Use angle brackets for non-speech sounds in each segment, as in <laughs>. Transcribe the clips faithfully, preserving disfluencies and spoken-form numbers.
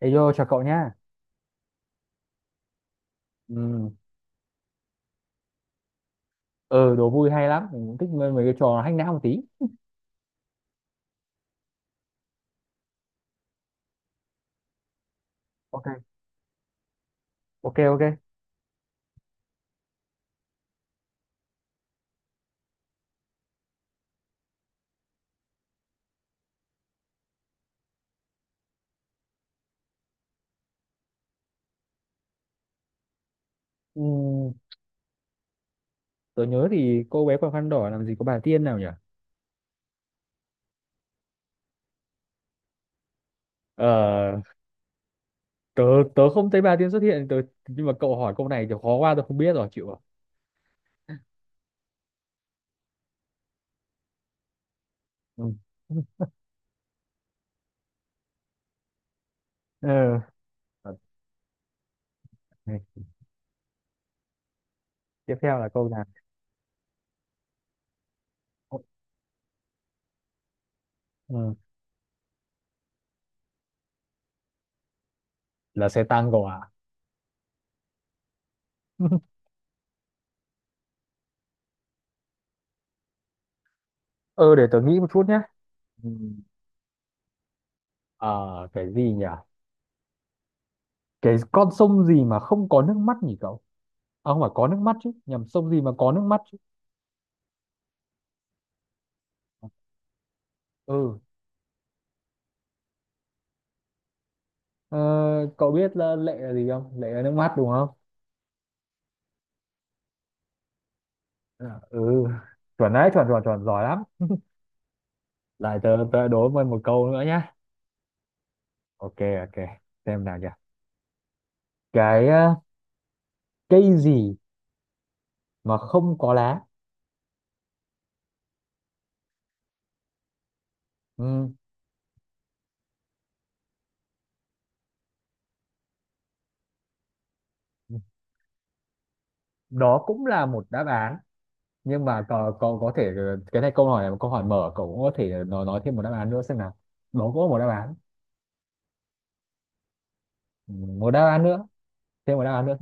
Ê vô chào cậu nhá. Ừ, ờ, đố vui hay lắm, mình cũng thích mấy, mấy cái trò hack não một tí. Ok, ok, ok. Ừ, tớ nhớ thì cô bé quàng khăn đỏ làm gì có bà Tiên nào nhỉ? Ờ, tớ tớ không thấy bà Tiên xuất hiện, tớ nhưng mà cậu hỏi câu này thì khó quá tớ không biết rồi, chịu rồi. Ừ. <laughs> Ừ. Ok. Tiếp theo là câu nào? Ừ. Là xe tăng cậu à? <laughs> Ừ, để tớ nghĩ một chút nhá. Ừ. Ờ, cái gì nhỉ? Cái con sông gì mà không có nước mắt nhỉ cậu? À, không phải có nước mắt chứ, nhầm sông gì mà có nước mắt chứ? Ừ. ờ, cậu biết là lệ là gì không, lệ là nước mắt đúng không? À, ừ, chuẩn đấy, chuẩn chuẩn chuẩn, giỏi lắm. Lại tớ tớ đố mày một câu nữa nhá. Ok ok Xem nào nhỉ, cái ờ, cây gì mà không có lá. Ừ. Đó cũng là một đáp án, nhưng mà cậu cậu có thể ờ, cái này, câu hỏi này là một câu hỏi mở, cậu cũng có thể nói nói thêm một đáp án nữa xem nào. Đó cũng có một đáp án. Ừ, một đáp án nữa, thêm một đáp án nữa.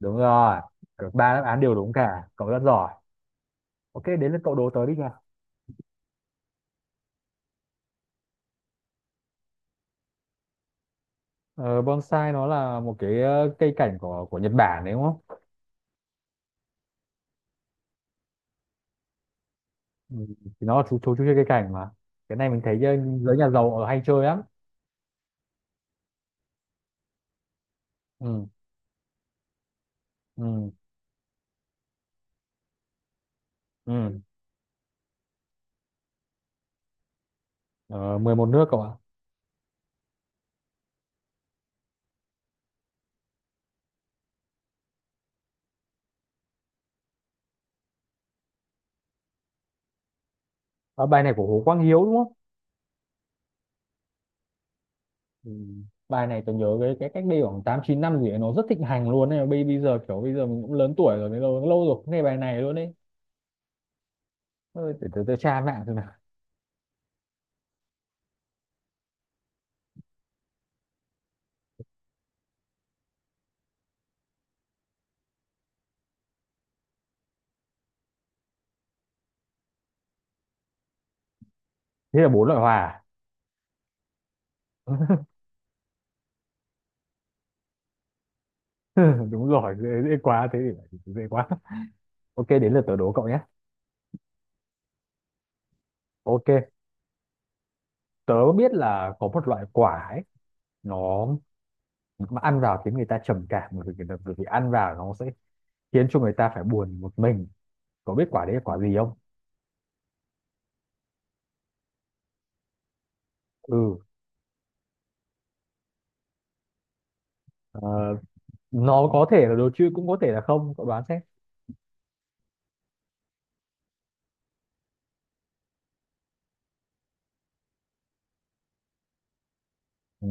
Đúng rồi. Cả ba đáp án đều đúng cả, cậu rất giỏi. Ok, đến lượt cậu đố tớ đi nhỉ. Ờ, bonsai nó là một cái ờ, cây cảnh của của Nhật Bản đấy đúng không? Ừ. Thì nó là chú chú chú chơi cây cảnh mà. Cái này mình thấy giới giới nhà giàu ở hay chơi lắm. Ừ. Ừ. Ừ. Ờ, mười một nước cậu ạ. Ờ, bài này của Hồ Quang Hiếu đúng không? Ừ. Bài này tôi nhớ cái cái cách đây khoảng tám chín năm gì ấy, nó rất thịnh hành luôn này. Bây bây giờ kiểu bây giờ mình cũng lớn tuổi rồi, cái lâu lâu rồi cũng nghe bài này luôn đấy. Ôi, để tôi, tôi tra mạng xem nào. Thế là bốn loại hòa. À? <laughs> Đúng rồi, dễ, dễ quá, thế thì dễ quá. Ok, đến lượt tớ đố cậu nhé. Ok. Tớ biết là có một loại quả ấy, nó mà ăn vào khiến người ta trầm cảm, bởi vì, bởi vì ăn vào nó sẽ khiến cho người ta phải buồn một mình. Có biết quả đấy là quả gì không? Ừ. ờ, nó có thể là đồ chơi cũng có thể là không, cậu đoán xem. Ừ.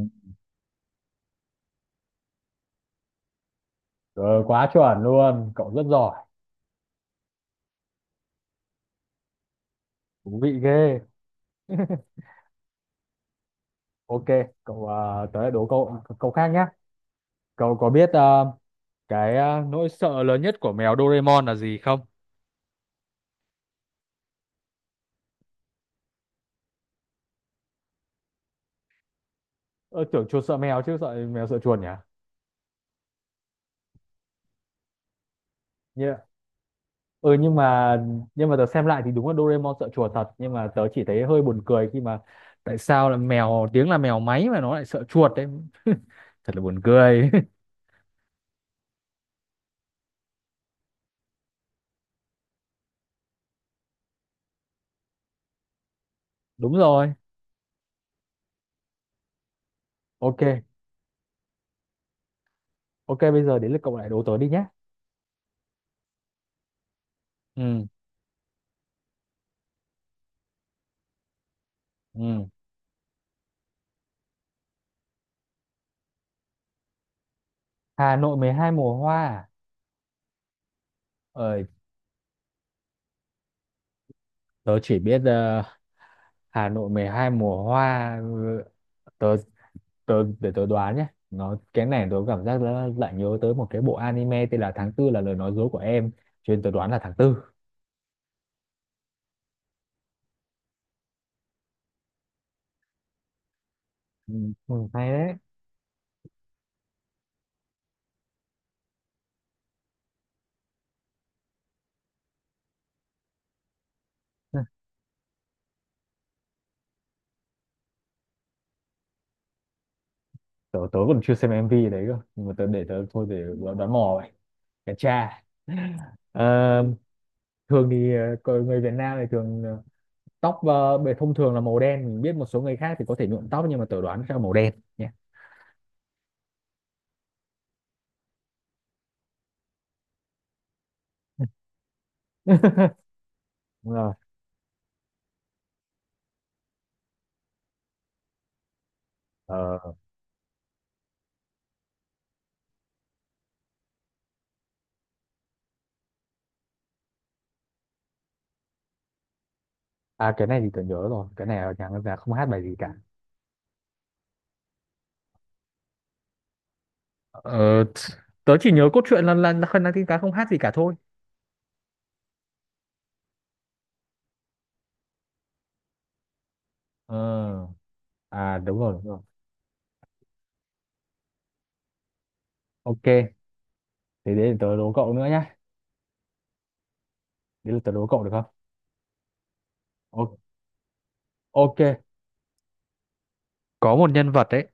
Rồi, quá chuẩn luôn, cậu rất giỏi. Thú vị ghê. Ok, cậu ờ, tớ lại đố cậu câu khác nhé. Cậu có biết ờ, cái ờ, nỗi sợ lớn nhất của mèo Doraemon là gì không? ờ, Tưởng chuột sợ mèo chứ, sợ mèo sợ chuột nhỉ? Ừ, nhưng mà nhưng mà tớ xem lại thì đúng là Doraemon sợ chuột thật, nhưng mà tớ chỉ thấy hơi buồn cười khi mà tại sao là mèo, tiếng là mèo máy mà nó lại sợ chuột đấy. <laughs> Thật là buồn cười. <laughs> Đúng rồi. Ok. Ok, bây giờ đến lượt cậu lại đố tớ đi nhé. Ừ. Ừ. Hà Nội mười hai mùa hoa à? Ờ, tớ chỉ biết ờ, Hà Nội mười hai mùa hoa. ừ, tớ tớ để tớ đoán nhé, nó cái này tớ cảm giác là lại nhớ tới một cái bộ anime tên là tháng tư là lời nói dối của em, cho nên tớ đoán là tháng tư. Ừ, ừ, hay đấy. Ừ, tớ, tớ còn chưa xem em vê đấy cơ, nhưng mà tớ để tớ thôi để đoán, đoán mò vậy. Cái cha. Ờ, thường thì ờ, con người Việt Nam thì thường ờ, tóc ờ, bề thông thường là màu đen, mình biết một số người khác thì có thể nhuộm tóc, nhưng mà tớ đoán sẽ là màu đen nhé. Đúng rồi. Ờ, à, cái này thì tớ nhớ rồi, cái này ở nhà ngân hàng không hát bài gì cả. Ờ, t- tớ chỉ nhớ cốt truyện là là là Khăn Năng tin Cá không hát gì cả thôi. Ờ, à đúng rồi đúng rồi. Ok, thế để tớ đố cậu nữa nhá, đấy là tớ đố cậu được không? O- ok, có một nhân vật đấy,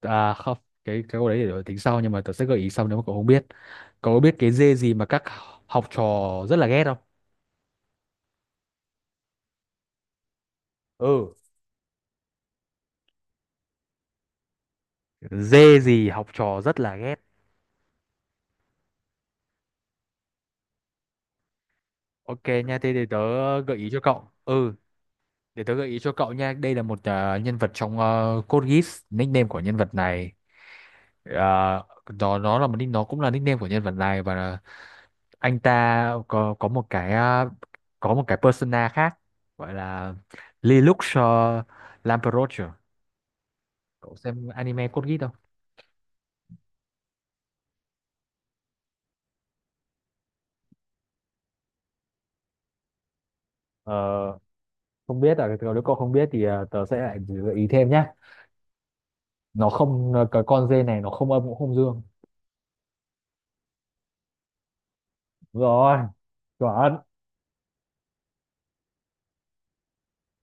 à không, cái cái câu đấy để tính sau, nhưng mà tớ sẽ gợi ý sau nếu mà cậu không biết. Cậu có biết cái dê gì mà các học trò rất là ghét không? Ừ. Dê gì học trò rất là ghét. Ok nha, thế thì tớ gợi ý cho cậu. Ừ. Để tớ gợi ý cho cậu nha, đây là một ờ, nhân vật trong uh, Code Geass, nickname của nhân vật này. Ờ, nó nó là một nick- nó cũng là nickname của nhân vật này, và là anh ta có có một cái ờ, có một cái persona khác, gọi là Lelouch uh, Lamperouche. Cậu xem anime Code Geass không? Ờ, không biết à? Nếu cậu không biết thì ờ, tớ sẽ lại gợi ý thêm nhá. Nó không ờ, cái con dê này nó không âm cũng không dương. Đúng rồi, chuẩn.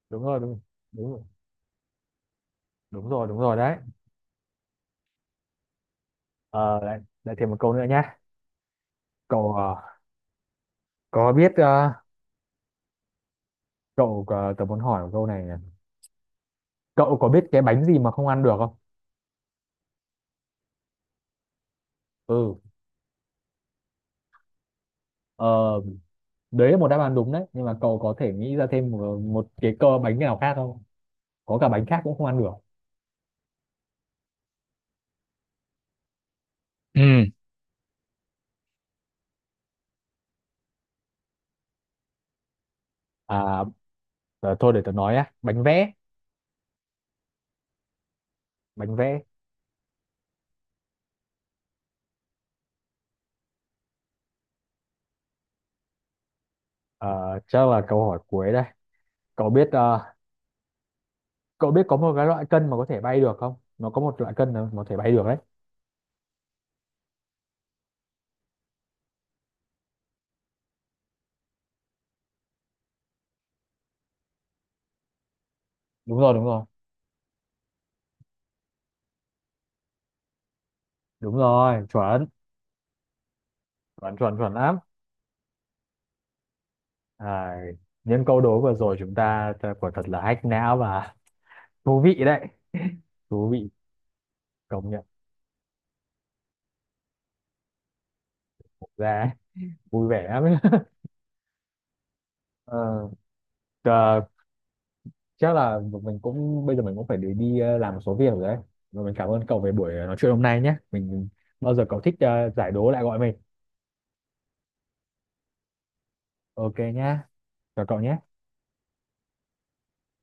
Đúng rồi, đúng. Đúng rồi, đúng rồi đúng rồi đấy. Ờ, lại, lại thêm một câu nữa nhé. Cậu ờ, có biết ờ, cậu có- tớ muốn hỏi một câu này này. Cậu có biết cái bánh gì mà không ăn được không? Ừ. Ờ, đấy là một đáp án đúng đấy, nhưng mà cậu có thể nghĩ ra thêm một, một cái cơ bánh nào khác không? Có cả bánh khác cũng không ăn được. Ừ, à, ờ, thôi để tớ nói á, bánh vẽ, bánh vẽ. Ờ, chắc là câu hỏi cuối đây. Cậu biết ờ, cậu biết có một cái loại cân mà có thể bay được không? Nó có một loại cân mà có thể bay được đấy. Đúng rồi, đúng rồi. Đúng rồi, chuẩn, chuẩn chuẩn chuẩn lắm. À, những câu đố vừa rồi chúng ta ta quả thật là hack não và <laughs> thú vị đấy, thú vị, công nhận. Ra vui vẻ lắm. <laughs> Ờ, ờ, chắc là mình cũng bây giờ mình cũng phải đi, đi ờ, làm một số việc rồi đấy, và mình cảm ơn cậu về buổi ờ, nói chuyện hôm nay nhé. Mình bao giờ cậu thích ờ, giải đố lại gọi mình. Ok nhá, chào cậu nhé.